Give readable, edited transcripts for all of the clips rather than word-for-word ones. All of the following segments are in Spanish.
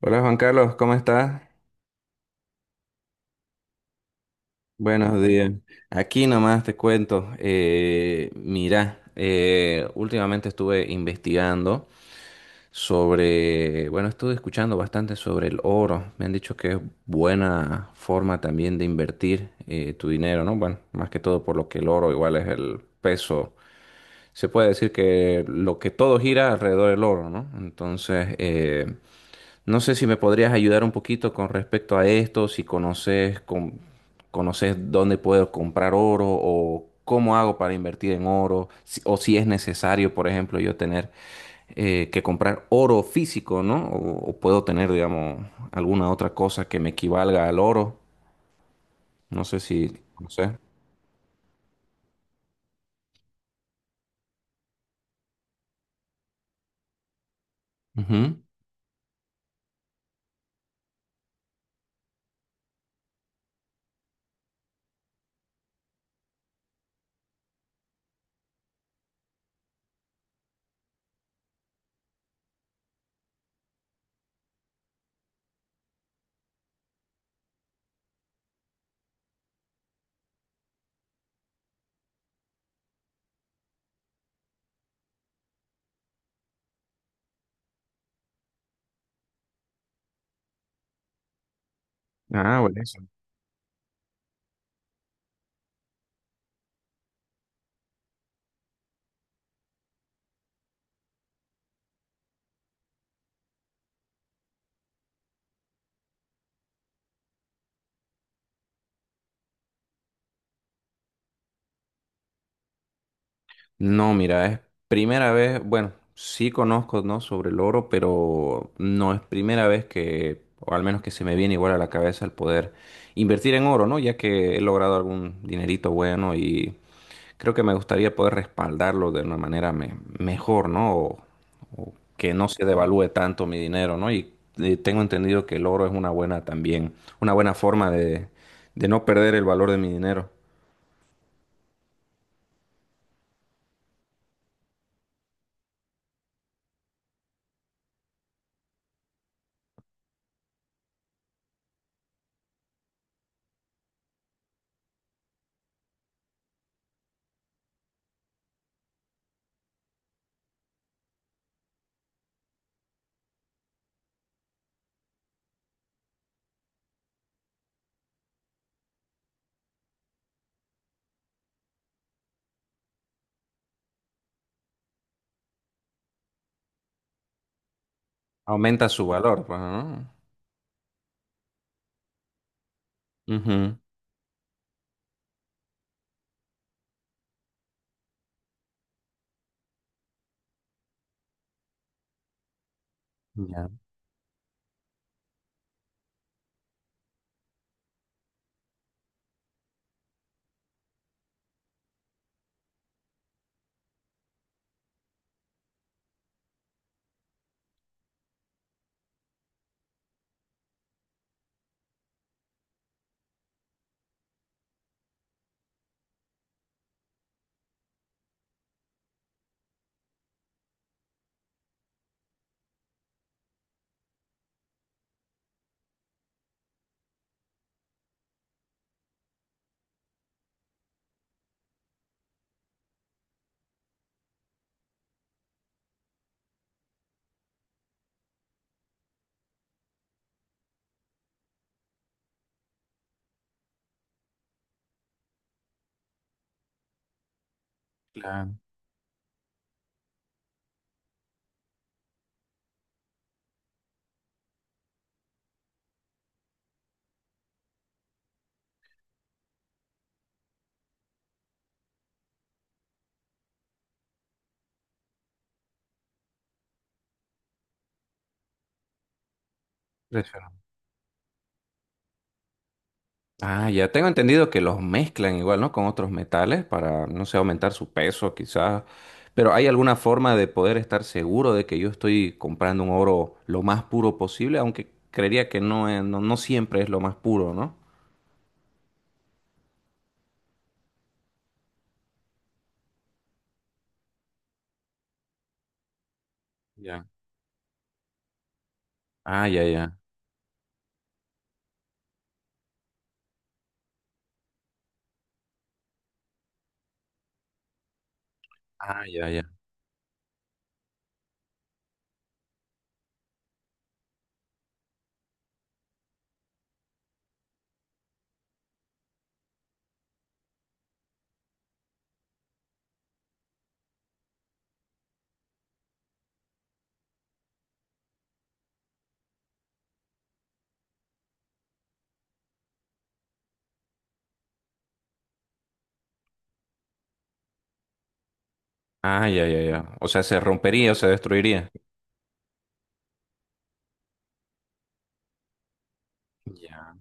Hola Juan Carlos, ¿cómo estás? Buenos días. Aquí nomás te cuento, mira, últimamente estuve investigando sobre, bueno, estuve escuchando bastante sobre el oro. Me han dicho que es buena forma también de invertir tu dinero, ¿no? Bueno, más que todo por lo que el oro igual es el peso. Se puede decir que lo que todo gira alrededor del oro, ¿no? Entonces, no sé si me podrías ayudar un poquito con respecto a esto, si conoces, conoces dónde puedo comprar oro o cómo hago para invertir en oro, o si es necesario, por ejemplo, yo tener que comprar oro físico, ¿no? O puedo tener, digamos, alguna otra cosa que me equivalga al oro. No sé si, no sé. Ujú. Ah, bueno. No, mira, es primera vez, bueno, sí conozco, ¿no? Sobre el oro, pero no es primera vez que, o al menos que se me viene igual a la cabeza el poder invertir en oro, ¿no? Ya que he logrado algún dinerito bueno y creo que me gustaría poder respaldarlo de una manera mejor, ¿no? O que no se devalúe tanto mi dinero, ¿no? Y, tengo entendido que el oro es una buena también, una buena forma de no perder el valor de mi dinero. ¿Aumenta su valor, pues, ¿no? Ujú. Ya. Claro, impresionante. Ah, ya tengo entendido que los mezclan igual, ¿no? Con otros metales para, no sé, aumentar su peso quizás. Pero ¿hay alguna forma de poder estar seguro de que yo estoy comprando un oro lo más puro posible? Aunque creería que no, no, no siempre es lo más puro, ¿no? Ya. Ah, ya, ya. Ah, ya, ya. Ah, ya, ya, ya. O sea, se rompería o se destruiría. Ya.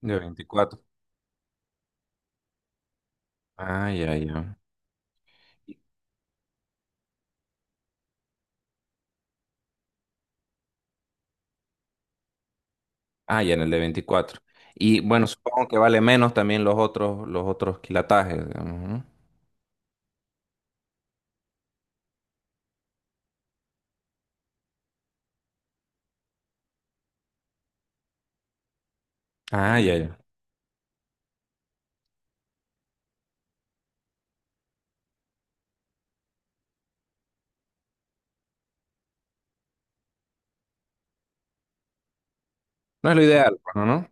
De 24. Ah, ya, ya. Ah, ya en el de 24. Y bueno, supongo que vale menos también los otros quilatajes, digamos, ¿no? Ah, ya, ya. No es lo ideal, bueno, ¿no? ¿No?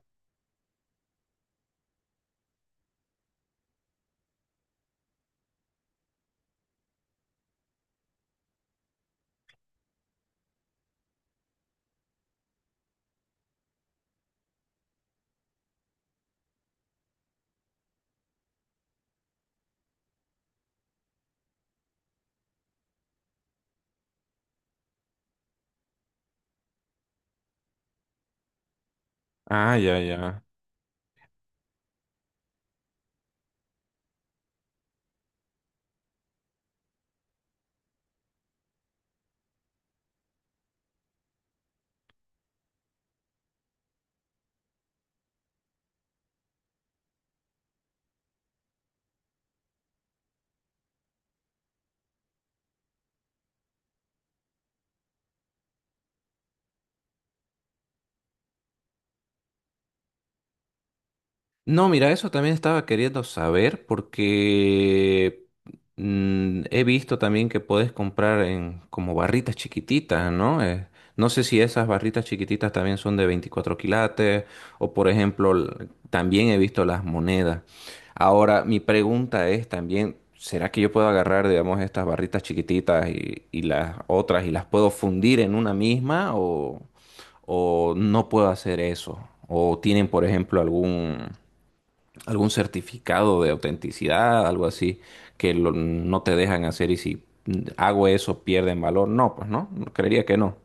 Ah, ya, ya. No, mira, eso también estaba queriendo saber porque he visto también que puedes comprar en como barritas chiquititas, ¿no? No sé si esas barritas chiquititas también son de 24 quilates o por ejemplo, también he visto las monedas. Ahora, mi pregunta es también, ¿será que yo puedo agarrar, digamos, estas barritas chiquititas y las otras y las puedo fundir en una misma o no puedo hacer eso? ¿O tienen, por ejemplo, algún algún certificado de autenticidad, algo así, que no te dejan hacer y si hago eso pierden valor? No, pues no, creería que no.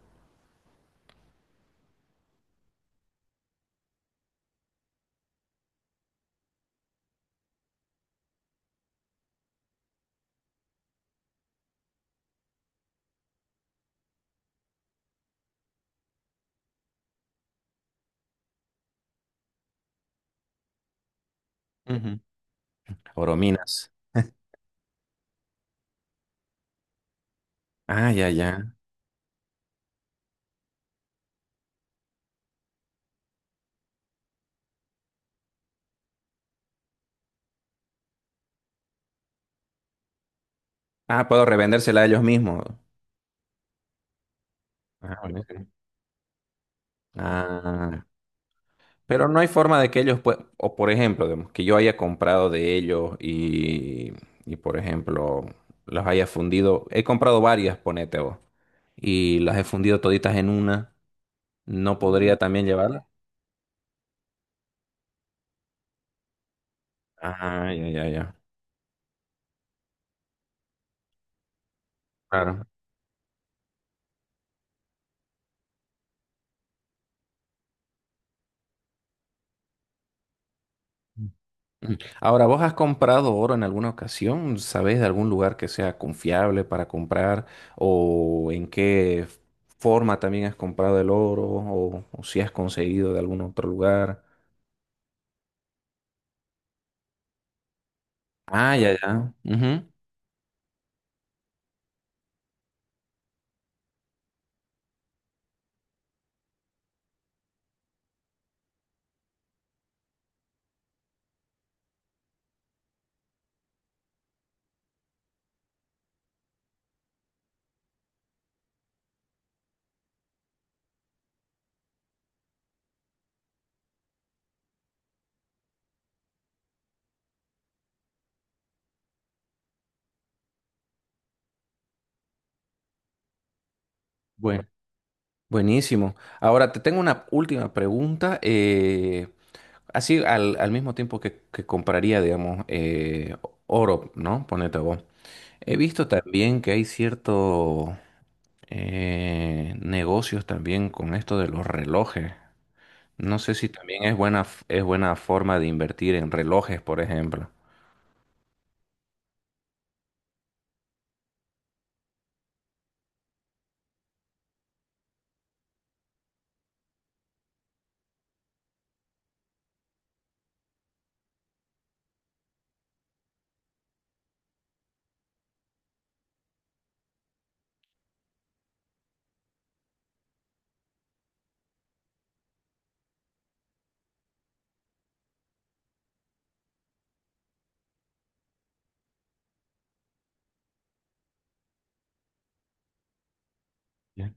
Ujú. Orominas. Ah, ya, ya. Ah, puedo revendérsela a ellos mismos. Ah, buenísimo. Ah, pero no hay forma de que ellos puedan, o por ejemplo, digamos, que yo haya comprado de ellos y por ejemplo, los haya fundido. He comprado varias, ponete vos, y las he fundido toditas en una. ¿No podría también llevarlas? Ah, ya, ya, ya. Claro. Ujú. Ahora, ¿vos has comprado oro en alguna ocasión? ¿Sabés de algún lugar que sea confiable para comprar? ¿O en qué forma también has comprado el oro? O si has conseguido de algún otro lugar? Ah, ya, ya. Ujú. Buen- buenísimo. Ahora, te tengo una última pregunta. Así al, al mismo tiempo que compraría, digamos, oro, ¿no? Ponete vos. He visto también que hay ciertos negocios también con esto de los relojes. No sé si también es buena, es buena forma de invertir en relojes, por ejemplo. Ya.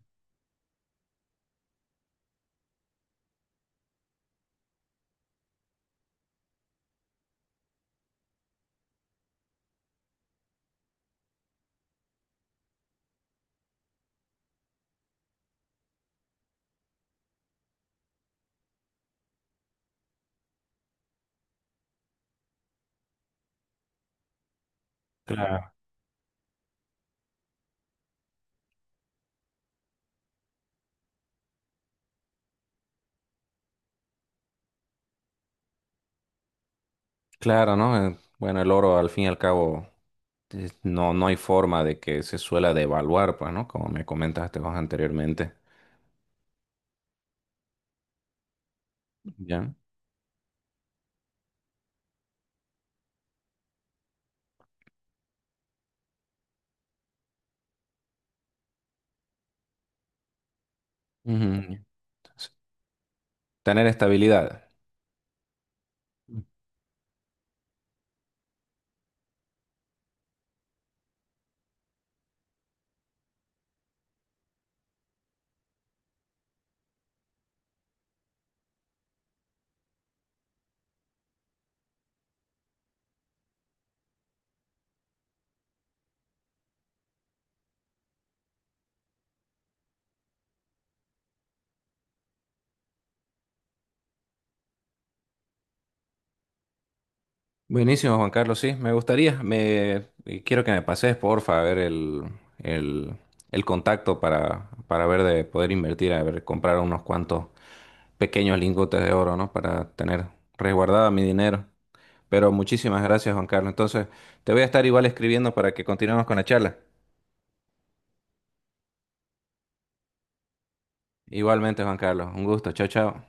Claro. Claro, ¿no? Bueno, el oro al fin y al cabo no, no hay forma de que se suela devaluar, pues, ¿no? Como me comentaste vos anteriormente. Ya. Ujú. Tener estabilidad. Buenísimo, Juan Carlos, sí, me gustaría. Me quiero que me pases, porfa, a ver el, el contacto para ver de poder invertir, a ver, comprar unos cuantos pequeños lingotes de oro, ¿no? Para tener resguardado mi dinero. Pero muchísimas gracias, Juan Carlos. Entonces, te voy a estar igual escribiendo para que continuemos con la charla. Igualmente, Juan Carlos, un gusto. Chao, chao.